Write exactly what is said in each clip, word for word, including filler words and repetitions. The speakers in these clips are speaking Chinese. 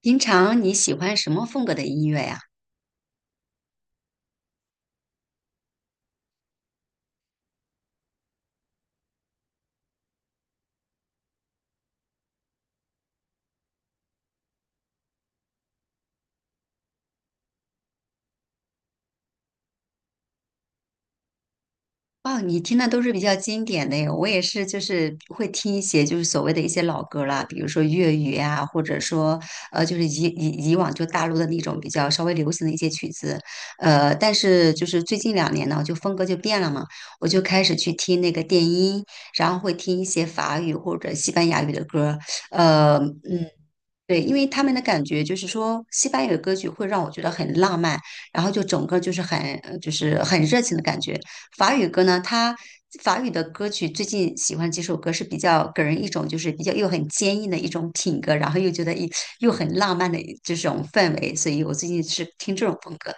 平常你喜欢什么风格的音乐呀？哦，你听的都是比较经典的耶，我也是，就是会听一些就是所谓的一些老歌啦，比如说粤语啊，或者说呃，就是以以以往就大陆的那种比较稍微流行的一些曲子，呃，但是就是最近两年呢，就风格就变了嘛，我就开始去听那个电音，然后会听一些法语或者西班牙语的歌，呃，嗯。对，因为他们的感觉就是说，西班牙语歌曲会让我觉得很浪漫，然后就整个就是很呃就是很热情的感觉。法语歌呢，它法语的歌曲最近喜欢几首歌是比较给人一种就是比较又很坚硬的一种品格，然后又觉得一又很浪漫的这种氛围，所以我最近是听这种风格。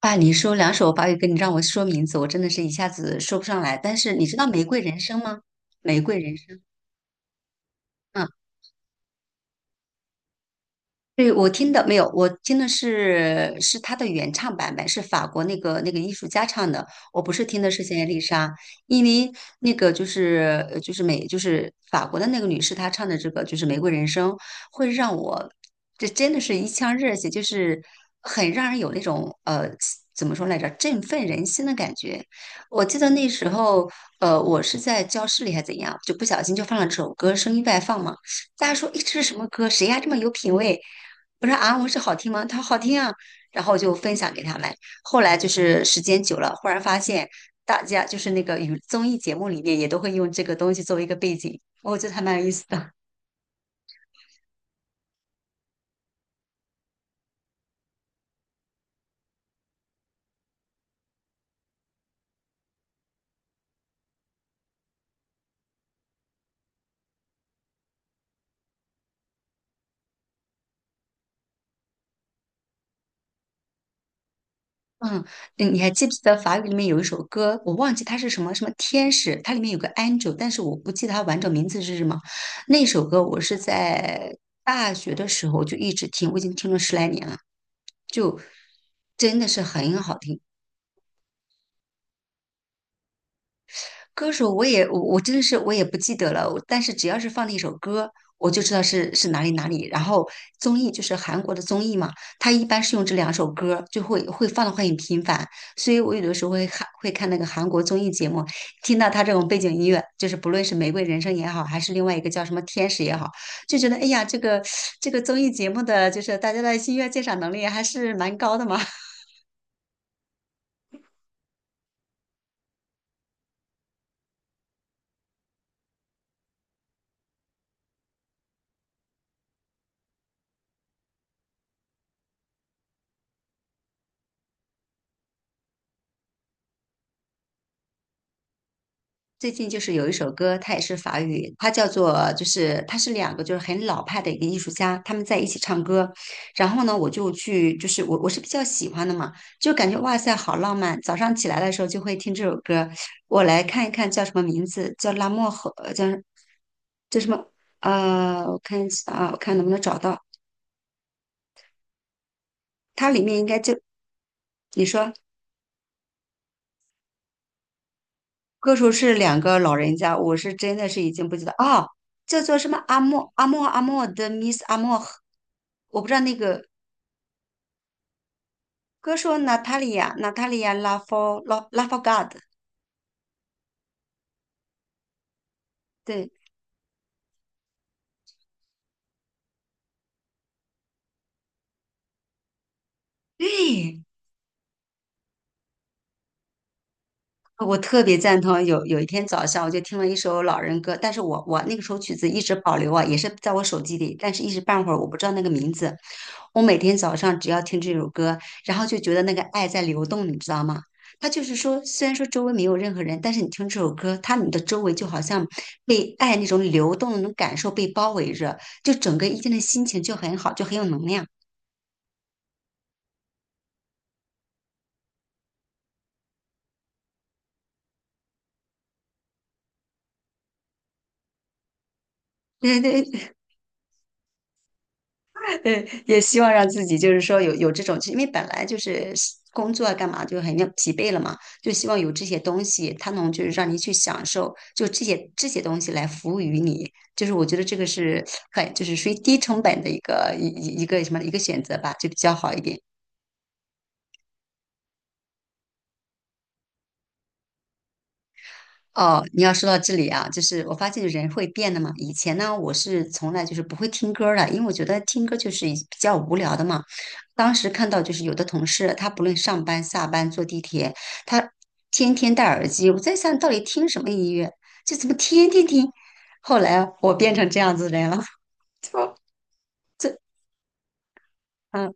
啊，你说两首法语歌，你让我说名字，我真的是一下子说不上来。但是你知道《玫瑰人生》吗？《玫瑰人生》。嗯。对，我听的没有，我听的是是他的原唱版本，是法国那个那个艺术家唱的。我不是听的是现在丽莎，因为那个就是呃就是美就是法国的那个女士，她唱的这个就是《玫瑰人生》，会让我这真的是一腔热血，就是很让人有那种呃怎么说来着，振奋人心的感觉。我记得那时候呃我是在教室里还怎样，就不小心就放了这首歌，声音外放嘛，大家说诶这是什么歌？谁呀这么有品味？我说啊，我说好听吗？他说好听啊，然后就分享给他们。后来就是时间久了，忽然发现大家就是那个娱综艺节目里面也都会用这个东西作为一个背景，我觉得还蛮有意思的。嗯，嗯你还记不记得法语里面有一首歌？我忘记它是什么什么天使，它里面有个 angel,但是我不记得它完整名字是什么。那首歌我是在大学的时候就一直听，我已经听了十来年了，就真的是很好听。歌手我也我我真的是我也不记得了，我但是只要是放了一首歌，我就知道是是哪里哪里。然后综艺就是韩国的综艺嘛，它一般是用这两首歌，就会会放的会很频繁，所以我有的时候会看会看那个韩国综艺节目，听到他这种背景音乐，就是不论是《玫瑰人生》也好，还是另外一个叫什么《天使》也好，就觉得哎呀，这个这个综艺节目的就是大家的音乐鉴赏能力还是蛮高的嘛。最近就是有一首歌，它也是法语，它叫做就是它是两个就是很老派的一个艺术家，他们在一起唱歌。然后呢，我就去就是我我是比较喜欢的嘛，就感觉哇塞好浪漫。早上起来的时候就会听这首歌。我来看一看叫什么名字，叫拉莫河，呃叫叫什么？呃，我看一下啊，我看能不能找到。它里面应该就你说。歌手是两个老人家，我是真的是已经不记得啊，叫做什么阿莫阿莫阿莫的 Miss 阿莫，我不知道那个歌手娜塔莉亚娜塔莉亚拉夫拉拉 r God,对对，我特别赞同。有有一天早上，我就听了一首老人歌，但是我我那个首曲子一直保留啊，也是在我手机里，但是一时半会儿我不知道那个名字。我每天早上只要听这首歌，然后就觉得那个爱在流动，你知道吗？他就是说，虽然说周围没有任何人，但是你听这首歌，他你的周围就好像被爱那种流动的那种感受被包围着，就整个一天的心情就很好，就很有能量。对对，呃，也希望让自己就是说有有这种，因为本来就是工作啊干嘛就很要疲惫了嘛，就希望有这些东西，它能就是让你去享受，就这些这些东西来服务于你，就是我觉得这个是很就是属于低成本的一个一一一个什么一个选择吧，就比较好一点。哦，你要说到这里啊，就是我发现人会变的嘛。以前呢，我是从来就是不会听歌儿的，因为我觉得听歌就是一比较无聊的嘛。当时看到就是有的同事，他不论上班、下班、坐地铁，他天天戴耳机。我在想，到底听什么音乐？就怎么天天听？后来我变成这样子的人了，这嗯。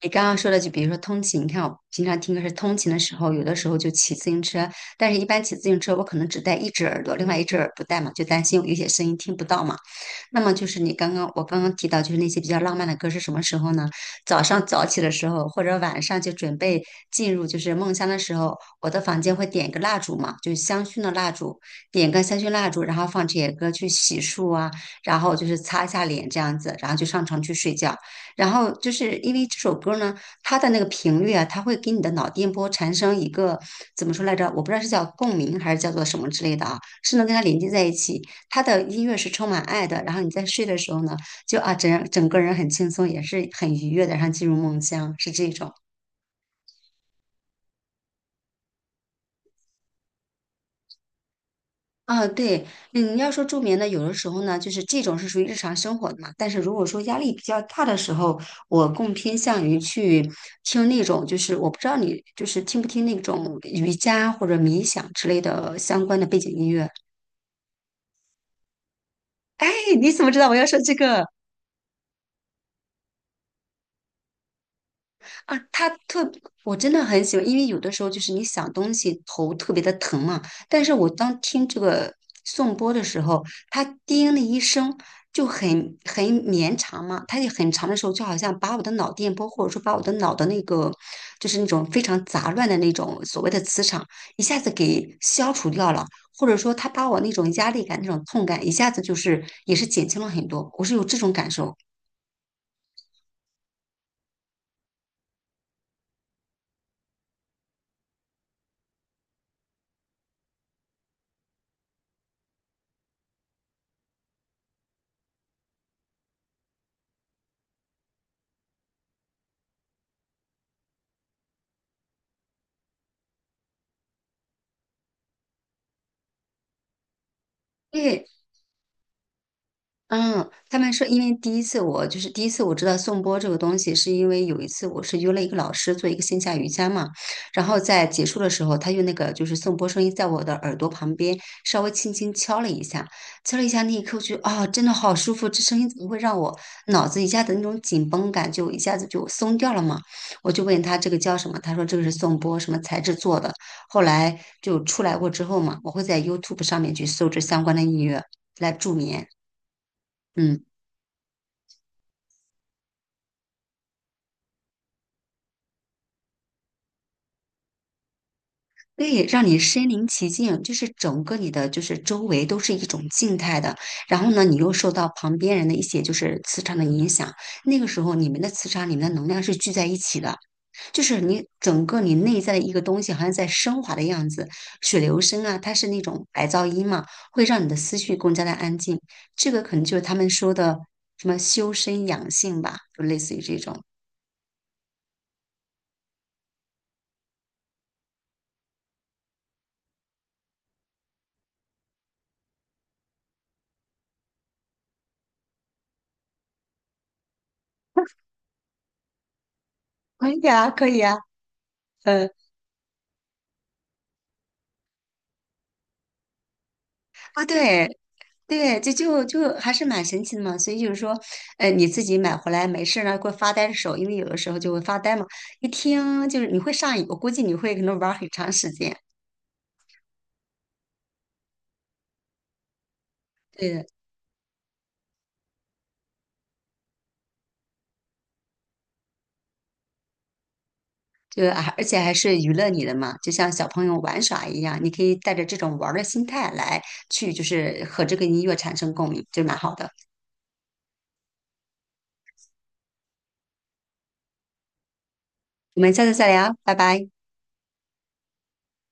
你刚刚说的，就比如说通勤，你看我平常听歌是通勤的时候，有的时候就骑自行车，但是一般骑自行车我可能只戴一只耳朵，另外一只耳不戴嘛，就担心有些声音听不到嘛。那么就是你刚刚我刚刚提到，就是那些比较浪漫的歌是什么时候呢？早上早起的时候，或者晚上就准备进入就是梦乡的时候，我的房间会点一个蜡烛嘛，就是香薰的蜡烛，点个香薰蜡烛，然后放这些歌去洗漱啊，然后就是擦一下脸这样子，然后就上床去睡觉。然后就是因为这首歌呢，它的那个频率啊，它会给你的脑电波产生一个怎么说来着？我不知道是叫共鸣还是叫做什么之类的啊，是能跟它连接在一起。它的音乐是充满爱的，然后你在睡的时候呢，就啊整整个人很轻松，也是很愉悦的，然后进入梦乡，是这种。啊，对，嗯，要说助眠呢，有的时候呢，就是这种是属于日常生活的嘛。但是如果说压力比较大的时候，我更偏向于去听那种，就是我不知道你就是听不听那种瑜伽或者冥想之类的相关的背景音乐。哎，你怎么知道我要说这个？啊，他特，我真的很喜欢，因为有的时候就是你想东西头特别的疼嘛，但是我当听这个颂钵的时候，它叮的一声就很很绵长嘛，它也很长的时候，就好像把我的脑电波或者说把我的脑的那个就是那种非常杂乱的那种所谓的磁场一下子给消除掉了，或者说他把我那种压力感、那种痛感一下子就是也是减轻了很多，我是有这种感受。因为。嗯，他们说，因为第一次我就是第一次我知道颂钵这个东西，是因为有一次我是约了一个老师做一个线下瑜伽嘛，然后在结束的时候，他用那个就是颂钵声音在我的耳朵旁边稍微轻轻敲了一下，敲了一下那一刻，我觉得啊、真的好舒服，这声音怎么会让我脑子一下子那种紧绷感就一下子就松掉了嘛？我就问他这个叫什么，他说这个是颂钵什么材质做的，后来就出来过之后嘛，我会在 YouTube 上面去搜这相关的音乐来助眠，嗯。对，让你身临其境，就是整个你的就是周围都是一种静态的，然后呢，你又受到旁边人的一些就是磁场的影响，那个时候你们的磁场、你们的能量是聚在一起的，就是你整个你内在的一个东西好像在升华的样子。水流声啊，它是那种白噪音嘛，会让你的思绪更加的安静。这个可能就是他们说的什么修身养性吧，就类似于这种。可以啊，可以啊，啊，对，对，这就就还是蛮神奇的嘛。所以就是说，呃，你自己买回来没事儿呢，会发呆的时候，因为有的时候就会发呆嘛。一听就是你会上瘾，我估计你会可能玩儿很长时间。对的，就啊而且还是娱乐你的嘛，就像小朋友玩耍一样，你可以带着这种玩儿的心态来去，就是和这个音乐产生共鸣，就蛮好的。我们下次再聊，拜拜。